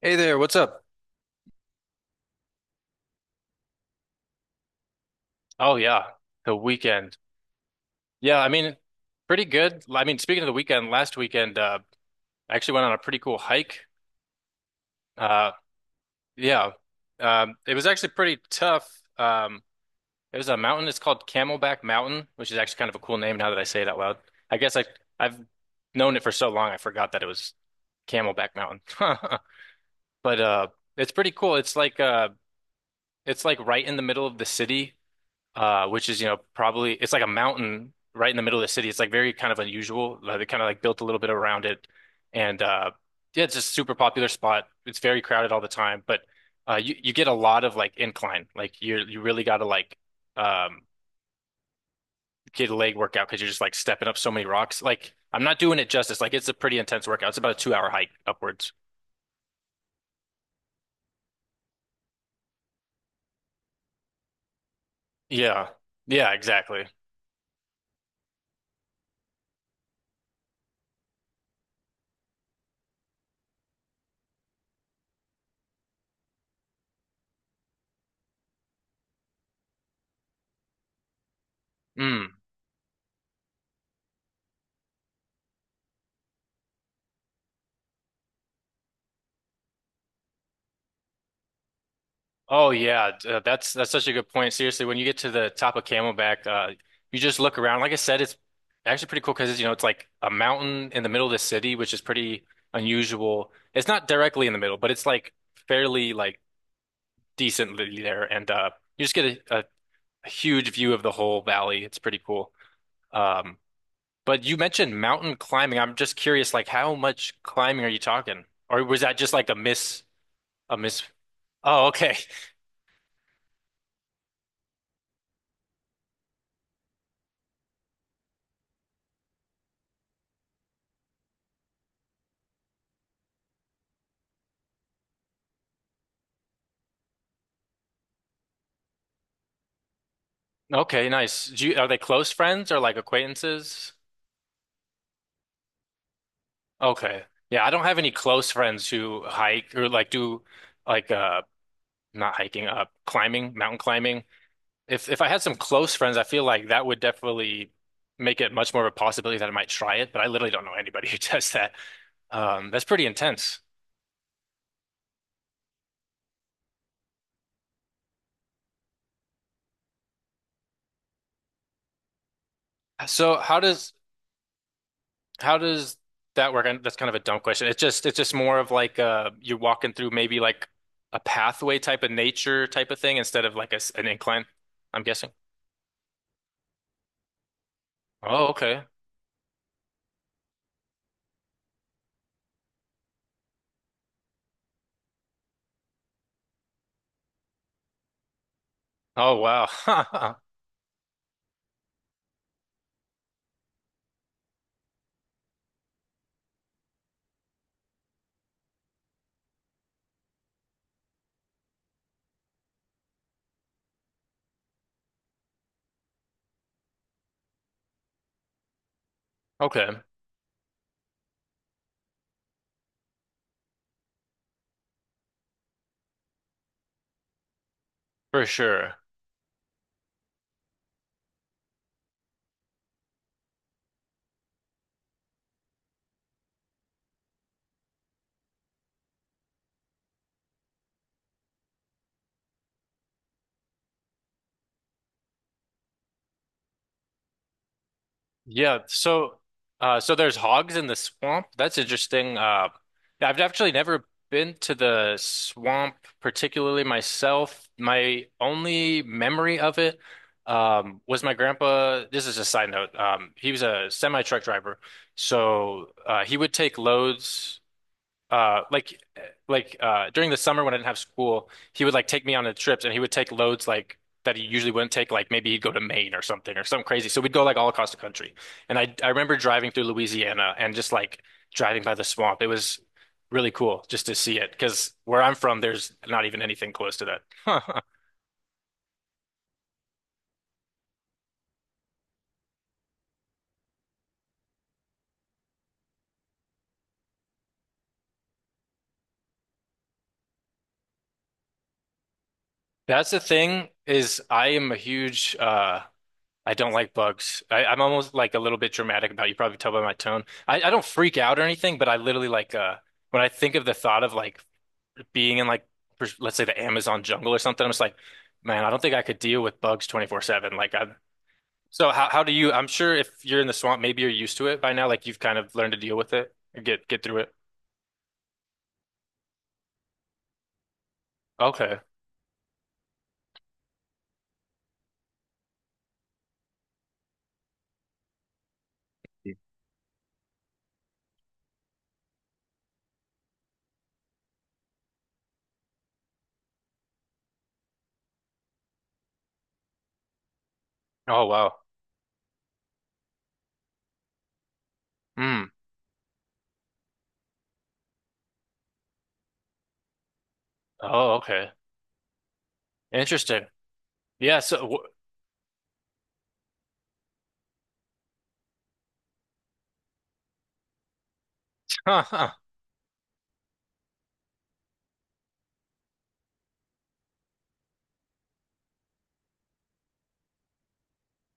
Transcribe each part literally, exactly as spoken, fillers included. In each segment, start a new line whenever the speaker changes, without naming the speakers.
Hey there, what's up? Oh yeah, the weekend. Yeah, I mean, pretty good. I mean, speaking of the weekend, last weekend, uh, I actually went on a pretty cool hike. Uh, yeah, um, it was actually pretty tough. Um, it was a mountain. It's called Camelback Mountain, which is actually kind of a cool name now that I say it out loud. I guess I I've known it for so long, I forgot that it was Camelback Mountain. But uh, it's pretty cool. It's like uh, it's like right in the middle of the city. Uh, which is, you know, probably it's like a mountain right in the middle of the city. It's like very kind of unusual. Uh, they kind of like built a little bit around it, and uh, yeah, it's just a super popular spot. It's very crowded all the time, but uh, you you get a lot of like incline. Like you you really got to like um, get a leg workout because you're just like stepping up so many rocks. Like I'm not doing it justice. Like it's a pretty intense workout. It's about a two hour hike upwards. Yeah, yeah, exactly. Mm. Oh yeah, d- uh, that's that's such a good point. Seriously, when you get to the top of Camelback, uh, you just look around. Like I said, it's actually pretty cool because you know it's like a mountain in the middle of the city, which is pretty unusual. It's not directly in the middle, but it's like fairly like decently there, and uh, you just get a, a huge view of the whole valley. It's pretty cool. Um, but you mentioned mountain climbing. I'm just curious, like how much climbing are you talking, or was that just like a miss a miss? Oh, okay. Okay, nice. Do you, are they close friends or like acquaintances? Okay. Yeah, I don't have any close friends who hike or like do like uh not hiking, uh climbing, mountain climbing. If if I had some close friends, I feel like that would definitely make it much more of a possibility that I might try it, but I literally don't know anybody who does that. Um, that's pretty intense. So how does How does that work? And That's kind of a dumb question. It's just it's just more of like uh you're walking through maybe like a pathway type of nature type of thing instead of like a s an incline, I'm guessing. Oh, okay. Oh, wow. Okay, for sure. Yeah, so uh so there's hogs in the swamp. That's interesting. Uh I've actually never been to the swamp particularly myself. My only memory of it um was my grandpa, this is a side note. Um he was a semi truck driver. So uh he would take loads uh like like uh during the summer when I didn't have school, he would like take me on the trips and he would take loads like that he usually wouldn't take, like maybe he'd go to Maine or something or something crazy. So we'd go like all across the country. And I I remember driving through Louisiana and just like driving by the swamp. It was really cool just to see it because where I'm from, there's not even anything close to that. That's the thing is I am a huge uh I don't like bugs. I, I'm almost like a little bit dramatic about it. You probably tell by my tone. I, I don't freak out or anything, but I literally like uh when I think of the thought of like being in like pers- let's say the Amazon jungle or something, I'm just like, man, I don't think I could deal with bugs twenty-four seven. Like I So how how do you? I'm sure if you're in the swamp, maybe you're used to it by now, like you've kind of learned to deal with it or get get through it. Okay. Oh wow. Hmm. Oh, okay. Interesting. Yeah, so wh-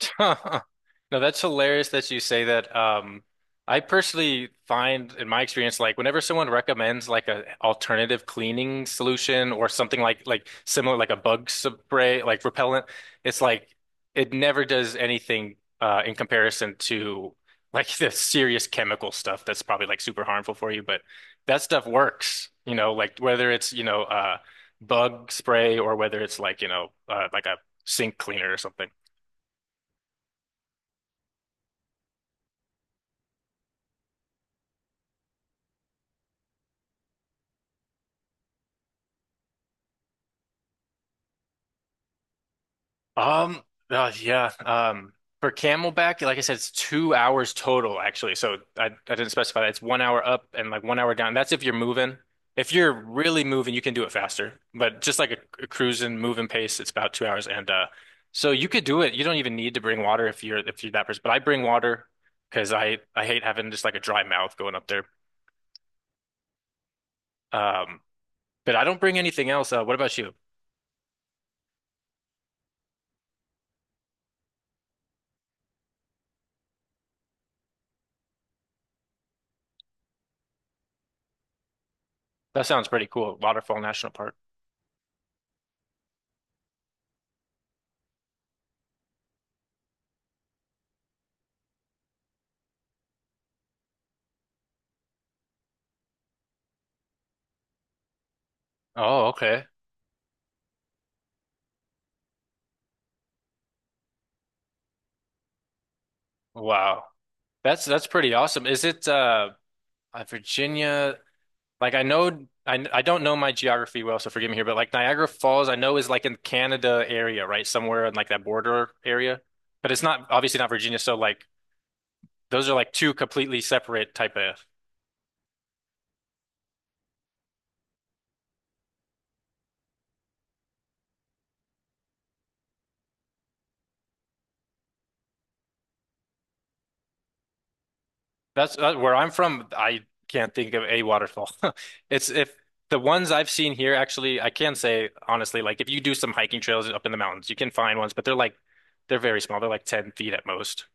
No, that's hilarious that you say that. Um, I personally find in my experience, like whenever someone recommends like a alternative cleaning solution or something like like similar, like a bug spray, like repellent, it's like it never does anything uh, in comparison to like the serious chemical stuff that's probably like super harmful for you. But that stuff works, you know, like whether it's, you know, uh, bug spray or whether it's like, you know, uh, like a sink cleaner or something. Um, uh, yeah. Um, for Camelback, like I said, it's two hours total actually. So I, I didn't specify that. It's one hour up and like one hour down. That's if you're moving. If you're really moving, you can do it faster. But just like a, a cruising, moving pace, it's about two hours. And uh, so you could do it. You don't even need to bring water if you're if you're that person. But I bring water because I I hate having just like a dry mouth going up there. Um, but I don't bring anything else. Uh, what about you? That sounds pretty cool. Waterfall National Park. Oh, okay. Wow. That's that's pretty awesome. Is it uh, uh, Virginia? Like I know I, I don't know my geography well, so forgive me here, but like Niagara Falls, I know is like in Canada area, right? Somewhere in like that border area. But it's not obviously not Virginia, so like those are like two completely separate type of that's uh, where I'm from. I can't think of a waterfall. It's if the ones I've seen here actually, I can say honestly, like if you do some hiking trails up in the mountains, you can find ones, but they're like they're very small. They're like ten feet at most.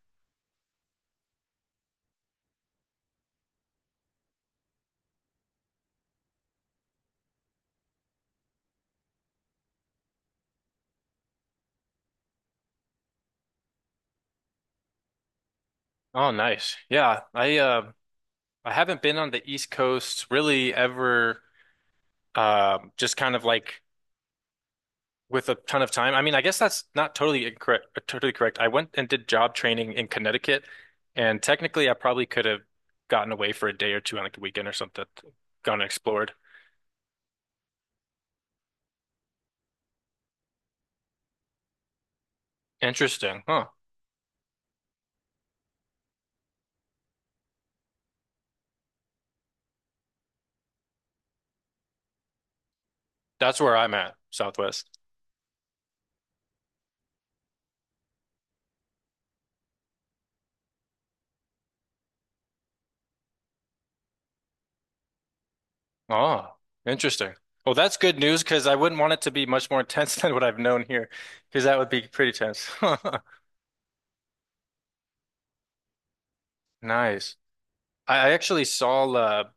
Oh, nice. Yeah, I uh, I haven't been on the East Coast really ever. Um, just kind of like with a ton of time. I mean, I guess that's not totally incorrect. uh, Totally correct. I went and did job training in Connecticut, and technically, I probably could have gotten away for a day or two on like a weekend or something, gone and explored. Interesting, huh? That's where I'm at, Southwest. Oh, interesting. Well, that's good news because I wouldn't want it to be much more intense than what I've known here, because that would be pretty tense. Nice. I I actually saw uh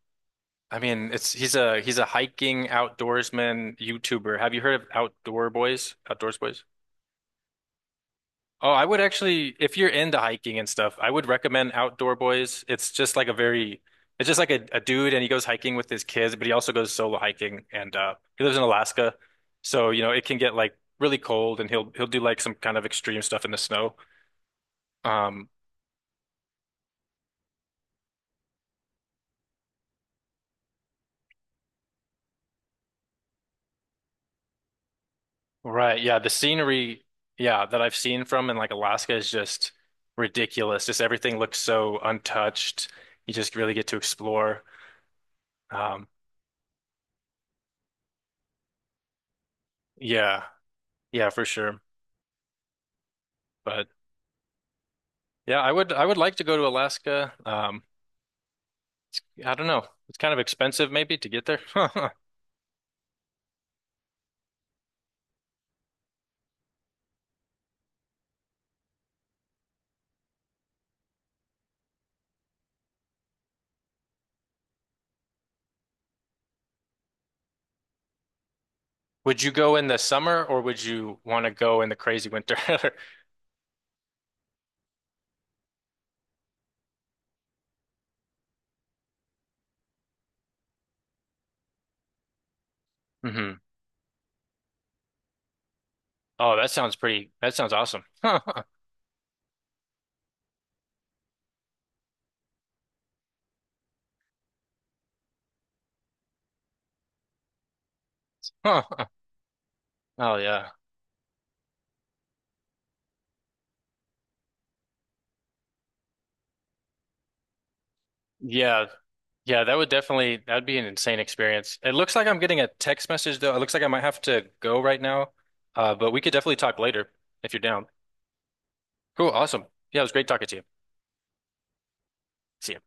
I mean it's he's a he's a hiking outdoorsman YouTuber. Have you heard of Outdoor Boys? Outdoors Boys? Oh, I would actually if you're into hiking and stuff, I would recommend Outdoor Boys. It's just like a very it's just like a, a dude and he goes hiking with his kids, but he also goes solo hiking and uh he lives in Alaska. So, you know, it can get like really cold and he'll he'll do like some kind of extreme stuff in the snow. Um Right. Yeah. The scenery, yeah, that I've seen from in like Alaska is just ridiculous. Just everything looks so untouched. You just really get to explore. Um, yeah. Yeah, for sure. But yeah, I would I would like to go to Alaska. Um, I don't know. It's kind of expensive maybe to get there. Would you go in the summer or would you want to go in the crazy winter? Hmm. Oh, that sounds pretty. That sounds awesome. Oh yeah. Yeah. Yeah, that would definitely that would be an insane experience. It looks like I'm getting a text message though. It looks like I might have to go right now. Uh, but we could definitely talk later if you're down. Cool, awesome. Yeah, it was great talking to you. See ya.